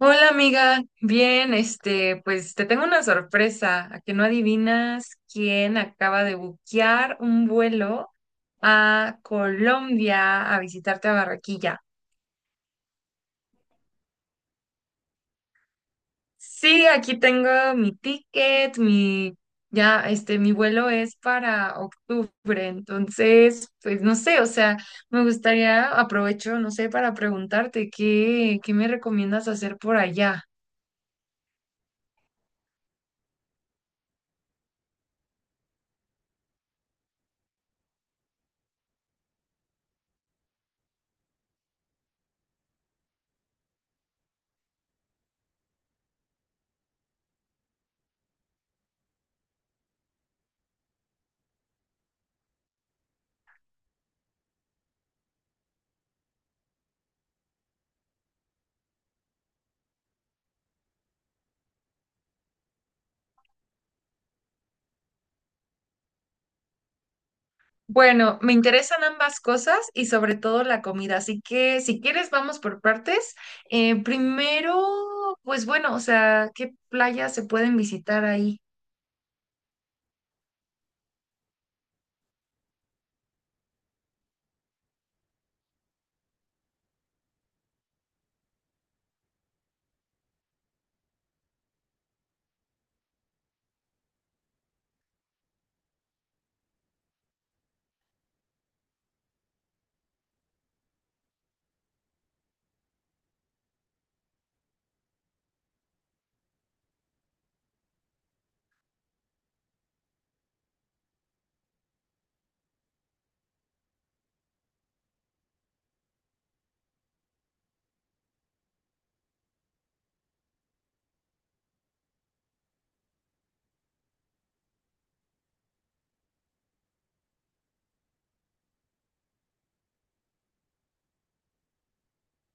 Hola amiga, bien, pues te tengo una sorpresa, a que no adivinas quién acaba de buquear un vuelo a Colombia a visitarte a Barranquilla. Sí, aquí tengo mi ticket, ya, mi vuelo es para octubre, entonces, pues no sé, o sea, me gustaría, aprovecho, no sé, para preguntarte qué me recomiendas hacer por allá. Bueno, me interesan ambas cosas y sobre todo la comida, así que si quieres vamos por partes. Primero, pues bueno, o sea, ¿qué playas se pueden visitar ahí?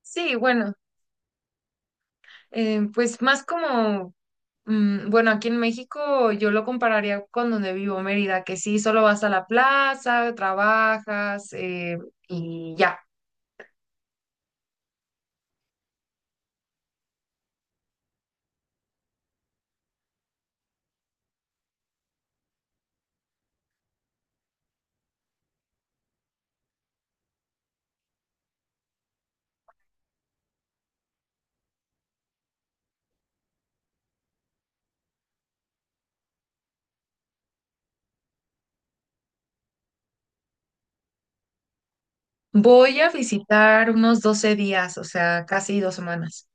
Sí, bueno, pues más como, bueno, aquí en México yo lo compararía con donde vivo, Mérida, que sí, solo vas a la plaza, trabajas, y ya. Voy a visitar unos 12 días, o sea, casi 2 semanas.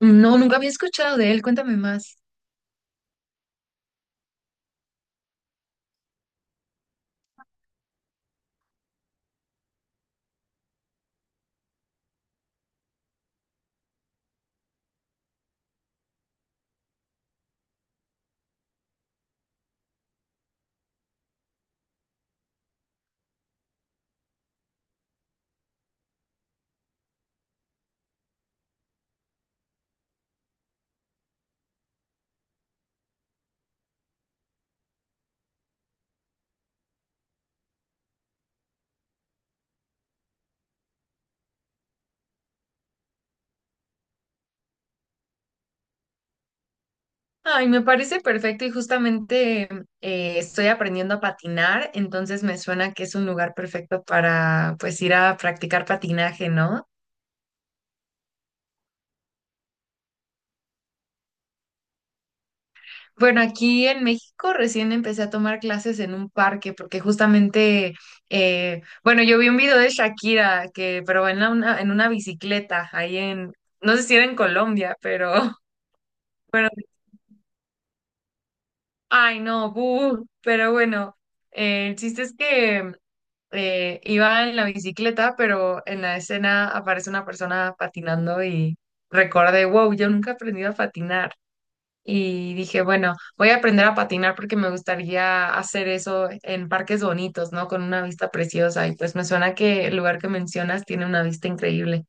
No, nunca había escuchado de él, cuéntame más. Ay, me parece perfecto y justamente, estoy aprendiendo a patinar, entonces me suena que es un lugar perfecto para pues ir a practicar patinaje, ¿no? Bueno, aquí en México recién empecé a tomar clases en un parque porque justamente, bueno, yo vi un video de Shakira que, pero en una bicicleta ahí en, no sé si era en Colombia, pero, bueno, ay, no, buh, pero bueno, el chiste es que, iba en la bicicleta, pero en la escena aparece una persona patinando y recordé, wow, yo nunca he aprendido a patinar. Y dije, bueno, voy a aprender a patinar porque me gustaría hacer eso en parques bonitos, ¿no? Con una vista preciosa. Y pues me suena que el lugar que mencionas tiene una vista increíble.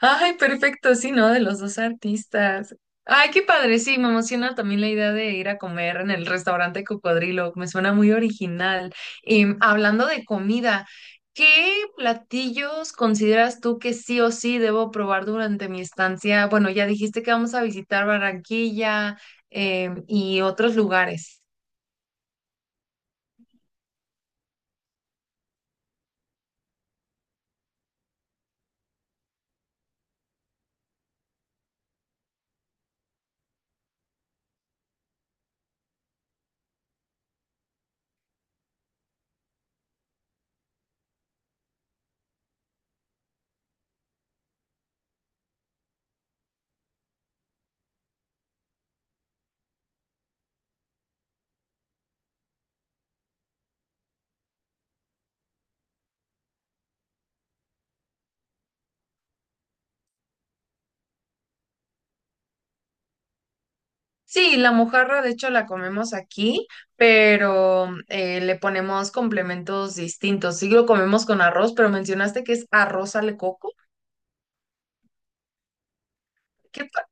Ay, perfecto, sí, ¿no? De los dos artistas. Ay, qué padre, sí, me emociona también la idea de ir a comer en el restaurante Cocodrilo, me suena muy original. Y hablando de comida, ¿qué platillos consideras tú que sí o sí debo probar durante mi estancia? Bueno, ya dijiste que vamos a visitar Barranquilla, y otros lugares. Sí, la mojarra de hecho la comemos aquí, pero, le ponemos complementos distintos. Sí lo comemos con arroz, pero mencionaste que es arroz al coco. ¿Qué pa-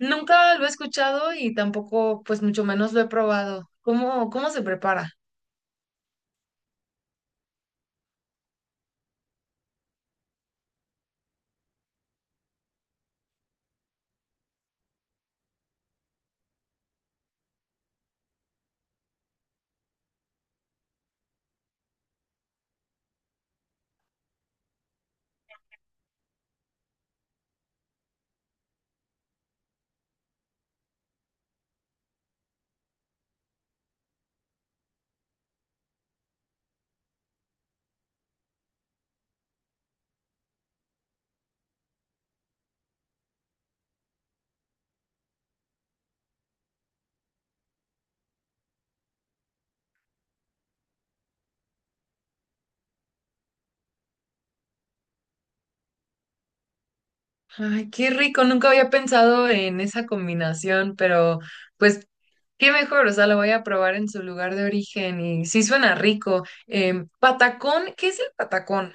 Nunca lo he escuchado y tampoco, pues mucho menos lo he probado. ¿Cómo, cómo se prepara? Ay, qué rico, nunca había pensado en esa combinación, pero pues qué mejor, o sea, lo voy a probar en su lugar de origen y sí suena rico. Patacón, ¿qué es el patacón?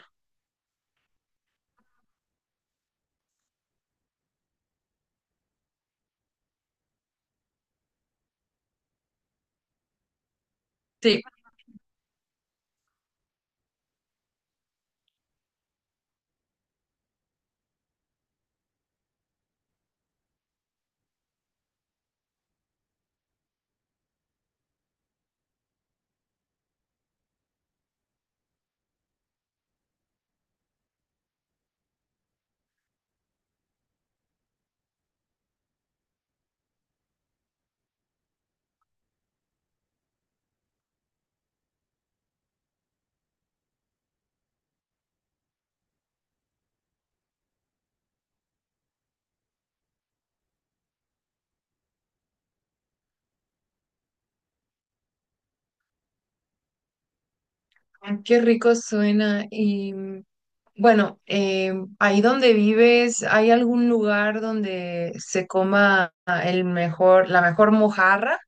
Sí, ay, qué rico suena. Y bueno, ahí donde vives, ¿hay algún lugar donde se coma el mejor, la mejor mojarra?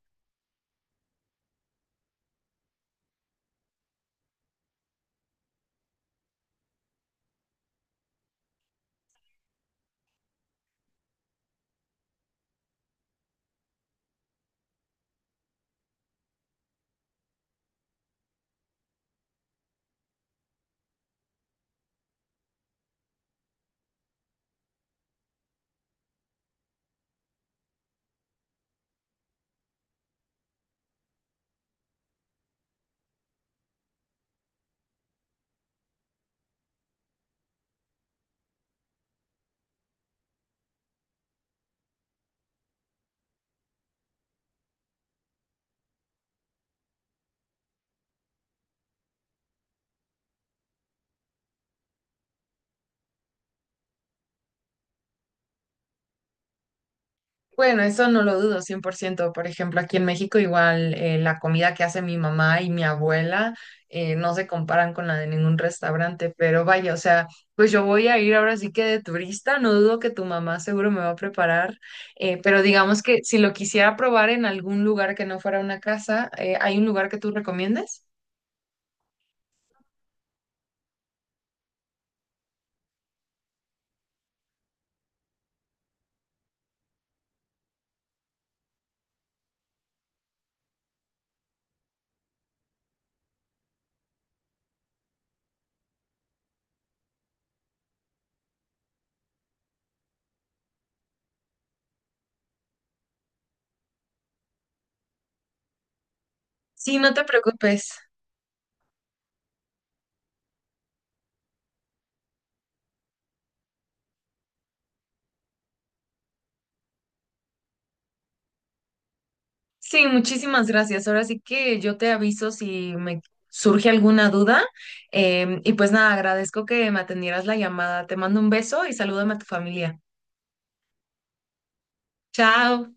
Bueno, eso no lo dudo 100%. Por ciento. Por ejemplo, aquí en México igual, la comida que hace mi mamá y mi abuela, no se comparan con la de ningún restaurante, pero vaya, o sea, pues yo voy a ir ahora sí que de turista, no dudo que tu mamá seguro me va a preparar, pero digamos que si lo quisiera probar en algún lugar que no fuera una casa, ¿hay un lugar que tú recomiendes? Sí, no te preocupes. Sí, muchísimas gracias. Ahora sí que yo te aviso si me surge alguna duda. Y pues nada, agradezco que me atendieras la llamada. Te mando un beso y salúdame a tu familia. Chao.